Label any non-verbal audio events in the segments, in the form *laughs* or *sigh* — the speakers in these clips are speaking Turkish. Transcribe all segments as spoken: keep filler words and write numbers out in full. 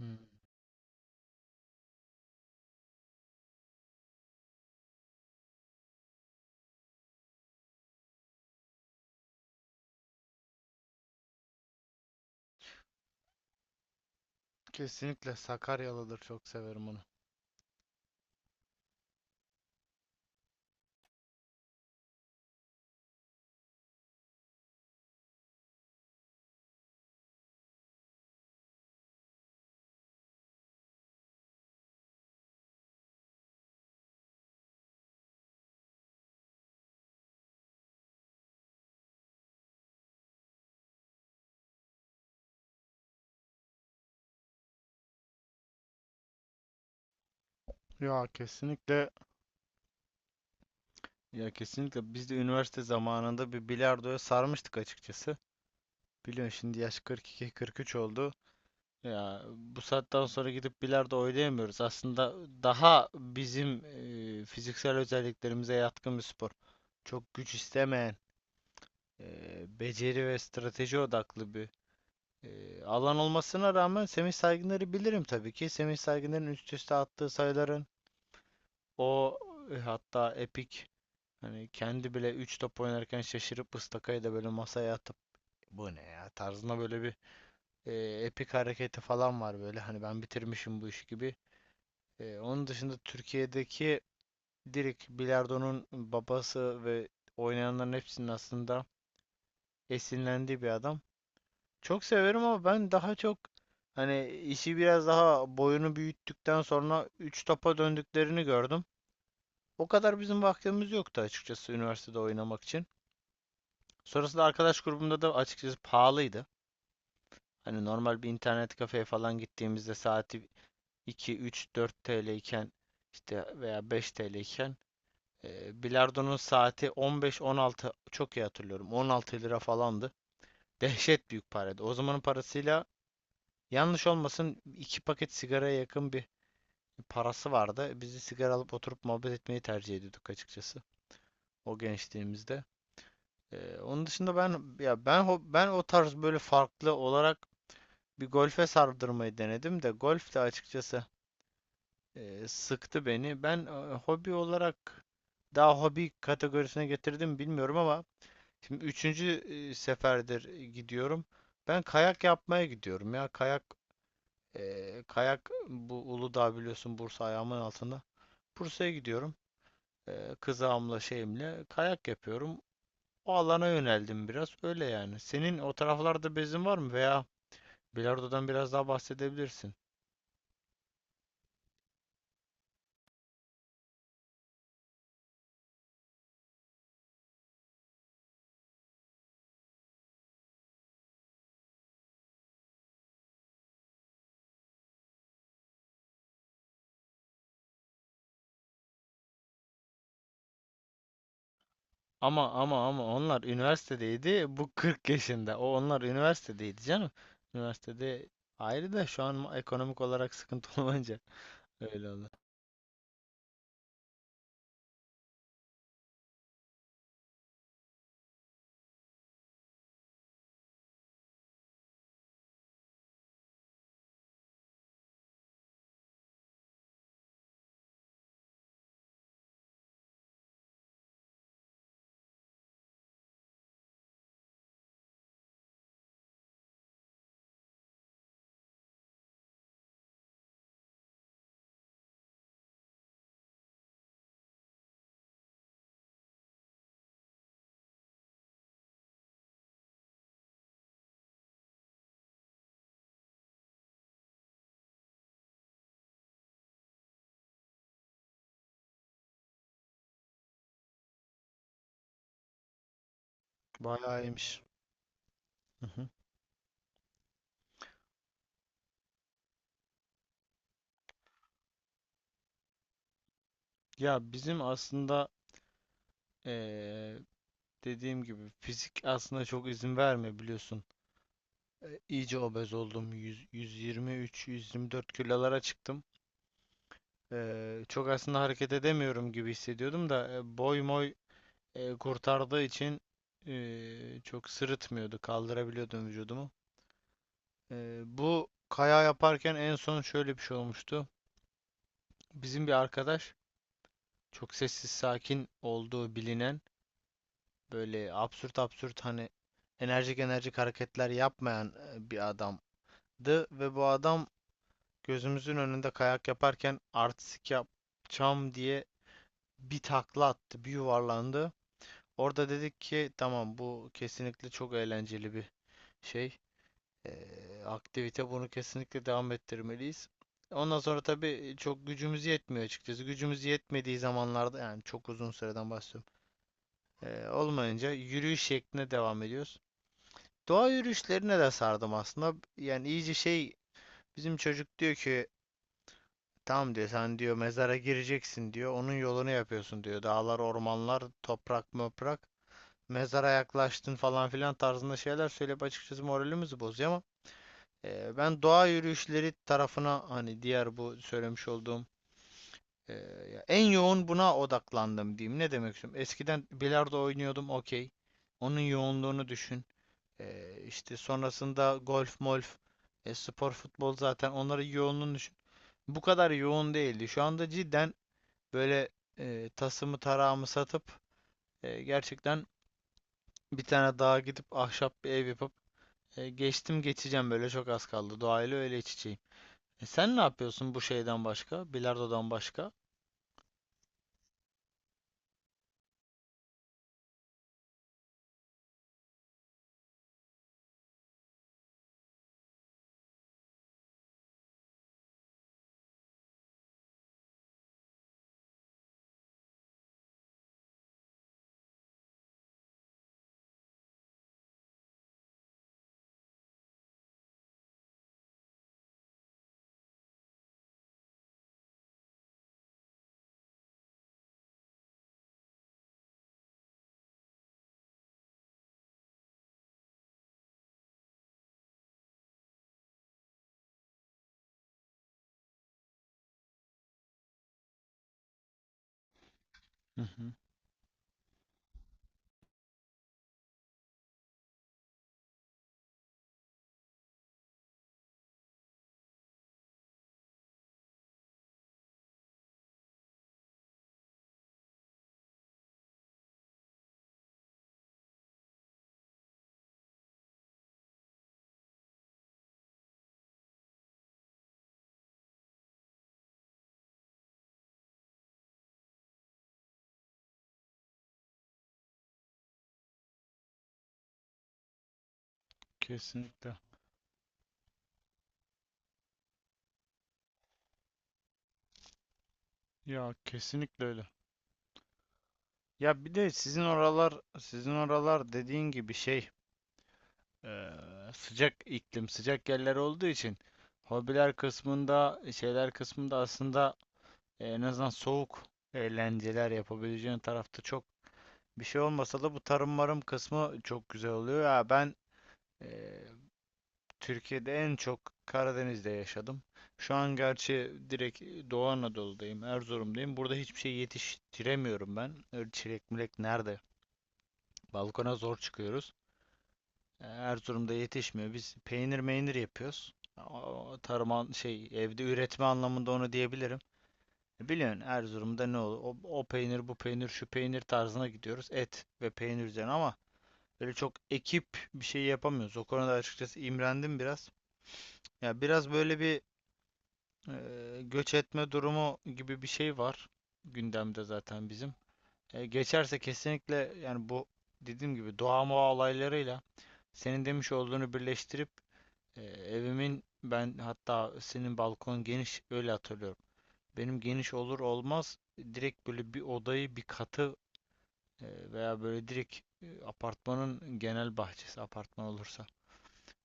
Hmm. Kesinlikle Sakaryalıdır. Çok severim onu. Ya kesinlikle ya kesinlikle biz de üniversite zamanında bir bilardoya sarmıştık açıkçası. Biliyorsun şimdi yaş kırk iki kırk üç oldu. Ya bu saatten sonra gidip bilardo oynayamıyoruz. Aslında daha bizim e, fiziksel özelliklerimize yatkın bir spor. Çok güç istemeyen, e, beceri ve strateji odaklı bir e, alan olmasına rağmen Semih Saygıner'i bilirim tabii ki. Semih Saygıner'in üst üste attığı sayıların... O, e, hatta Epic, hani kendi bile üç top oynarken şaşırıp ıstakayı da böyle masaya atıp "bu ne ya" tarzında böyle bir e, Epic hareketi falan var, böyle hani "ben bitirmişim bu işi" gibi. E, onun dışında Türkiye'deki direkt bilardonun babası ve oynayanların hepsinin aslında esinlendiği bir adam. Çok severim, ama ben daha çok hani işi biraz daha boyunu büyüttükten sonra üç topa döndüklerini gördüm. O kadar bizim vaktimiz yoktu açıkçası üniversitede oynamak için. Sonrasında arkadaş grubumda da açıkçası pahalıydı. Hani normal bir internet kafeye falan gittiğimizde saati iki, üç, dört T L iken, işte veya beş T L iken e, bilardonun saati on beş on altı, çok iyi hatırlıyorum, on altı lira falandı. *laughs* Dehşet büyük paraydı. O zamanın parasıyla, yanlış olmasın, iki paket sigaraya yakın bir parası vardı. Biz de sigara alıp oturup muhabbet etmeyi tercih ediyorduk açıkçası o gençliğimizde. Ee, onun dışında ben ya ben ho- ben o tarz böyle farklı olarak bir golfe sardırmayı denedim de, golf de açıkçası e, sıktı beni. Ben e, hobi olarak, daha hobi kategorisine getirdim bilmiyorum ama, şimdi üçüncü e, seferdir gidiyorum. Ben kayak yapmaya gidiyorum, ya kayak e, kayak bu Uludağ biliyorsun, Bursa ayağımın altında. Bursa'ya gidiyorum. E, kızağımla şeyimle kayak yapıyorum. O alana yöneldim biraz. Öyle yani. Senin o taraflarda bezin var mı? Veya bilardodan biraz daha bahsedebilirsin. Ama ama ama onlar üniversitedeydi. Bu kırk yaşında. O onlar üniversitedeydi canım. Üniversitede ayrı da, şu an ekonomik olarak sıkıntı *laughs* olunca öyle oldu. Bayağı iyiymiş. Hı hı. Ya bizim aslında eee, dediğim gibi fizik aslında çok izin vermiyor biliyorsun. E, iyice obez oldum. yüz, yüz yirmi üç, yüz yirmi dört kilolara çıktım. Eee, çok aslında hareket edemiyorum gibi hissediyordum da, e, boy moy e, kurtardığı için e, çok sırıtmıyordu, kaldırabiliyordum vücudumu. E, bu kaya yaparken en son şöyle bir şey olmuştu. Bizim bir arkadaş, çok sessiz sakin olduğu bilinen, böyle absürt absürt, hani enerjik enerjik hareketler yapmayan e, bir adamdı, ve bu adam gözümüzün önünde kayak yaparken artistik yapacağım diye bir takla attı, bir yuvarlandı. Orada dedik ki, tamam, bu kesinlikle çok eğlenceli bir şey. Eee, aktivite, bunu kesinlikle devam ettirmeliyiz. Ondan sonra tabii e, çok gücümüz yetmiyor açıkçası. Gücümüz yetmediği zamanlarda, yani çok uzun süreden bahsediyorum, Eee, olmayınca yürüyüş şeklinde devam ediyoruz. Doğa yürüyüşlerine de sardım aslında. Yani iyice şey, bizim çocuk diyor ki, "Tamam," diyor, "sen," diyor, "mezara gireceksin," diyor, "onun yolunu yapıyorsun," diyor, "dağlar, ormanlar, toprak, möprak, mezara yaklaştın" falan filan tarzında şeyler söyleyip açıkçası moralimizi bozuyor ama, e, ben doğa yürüyüşleri tarafına, hani diğer bu söylemiş olduğum e, en yoğun buna odaklandım diyeyim. Ne demek istiyorum? Eskiden bilardo oynuyordum, okey. Onun yoğunluğunu düşün. E, işte sonrasında golf, molf, e, spor, futbol, zaten onların yoğunluğunu düşün. Bu kadar yoğun değildi. Şu anda cidden böyle e, tasımı tarağımı satıp e, gerçekten bir tane dağa gidip ahşap bir ev yapıp E, geçtim geçeceğim, böyle çok az kaldı. Doğayla öyle iç içeyim. E, sen ne yapıyorsun bu şeyden başka? Bilardo'dan başka? Hı hı, kesinlikle. Ya kesinlikle öyle. Ya bir de sizin oralar, sizin oralar dediğin gibi şey, eee, sıcak iklim, sıcak yerler olduğu için hobiler kısmında, şeyler kısmında aslında e, en azından soğuk eğlenceler yapabileceğin tarafta çok bir şey olmasa da, bu tarım marım kısmı çok güzel oluyor. Ya ben e, Türkiye'de en çok Karadeniz'de yaşadım. Şu an gerçi direkt e, Doğu Anadolu'dayım, Erzurum'dayım. Burada hiçbir şey yetiştiremiyorum ben. Öyle çilek milek nerede? Balkona zor çıkıyoruz. Ee, Erzurum'da yetişmiyor. Biz peynir meynir yapıyoruz. O tarım an- şey, evde üretme anlamında onu diyebilirim. E, Biliyorsun Erzurum'da ne olur? O, o peynir, bu peynir, şu peynir tarzına gidiyoruz. Et ve peynir üzerine, ama böyle çok ekip bir şey yapamıyoruz. O konuda açıkçası imrendim biraz. Ya biraz böyle bir Eee, göç etme durumu gibi bir şey var gündemde zaten bizim. E, geçerse kesinlikle, yani bu dediğim gibi doğa moğa olaylarıyla senin demiş olduğunu birleştirip e, evimin, ben hatta senin balkon geniş öyle hatırlıyorum. Benim geniş olur olmaz direkt böyle bir odayı, bir katı e, veya böyle direkt e, apartmanın genel bahçesi, apartman olursa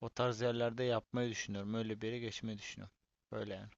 o tarz yerlerde yapmayı düşünüyorum. Öyle bir yere geçmeyi düşünüyorum. Böyle yani.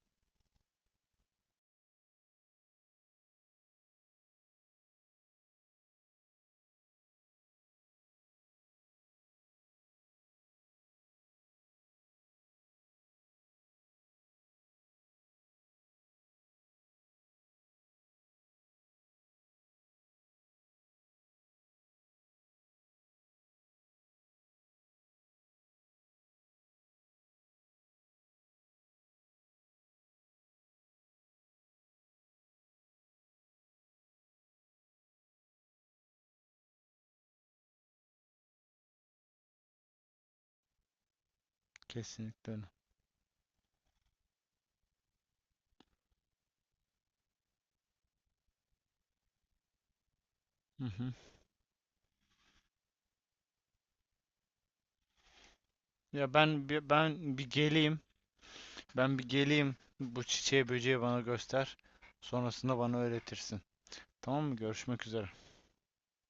Kesinlikle öyle. Hı hı. Ya ben bir- ben bir geleyim. Ben bir geleyim. Bu çiçeği böceği bana göster. Sonrasında bana öğretirsin. Tamam mı? Görüşmek üzere.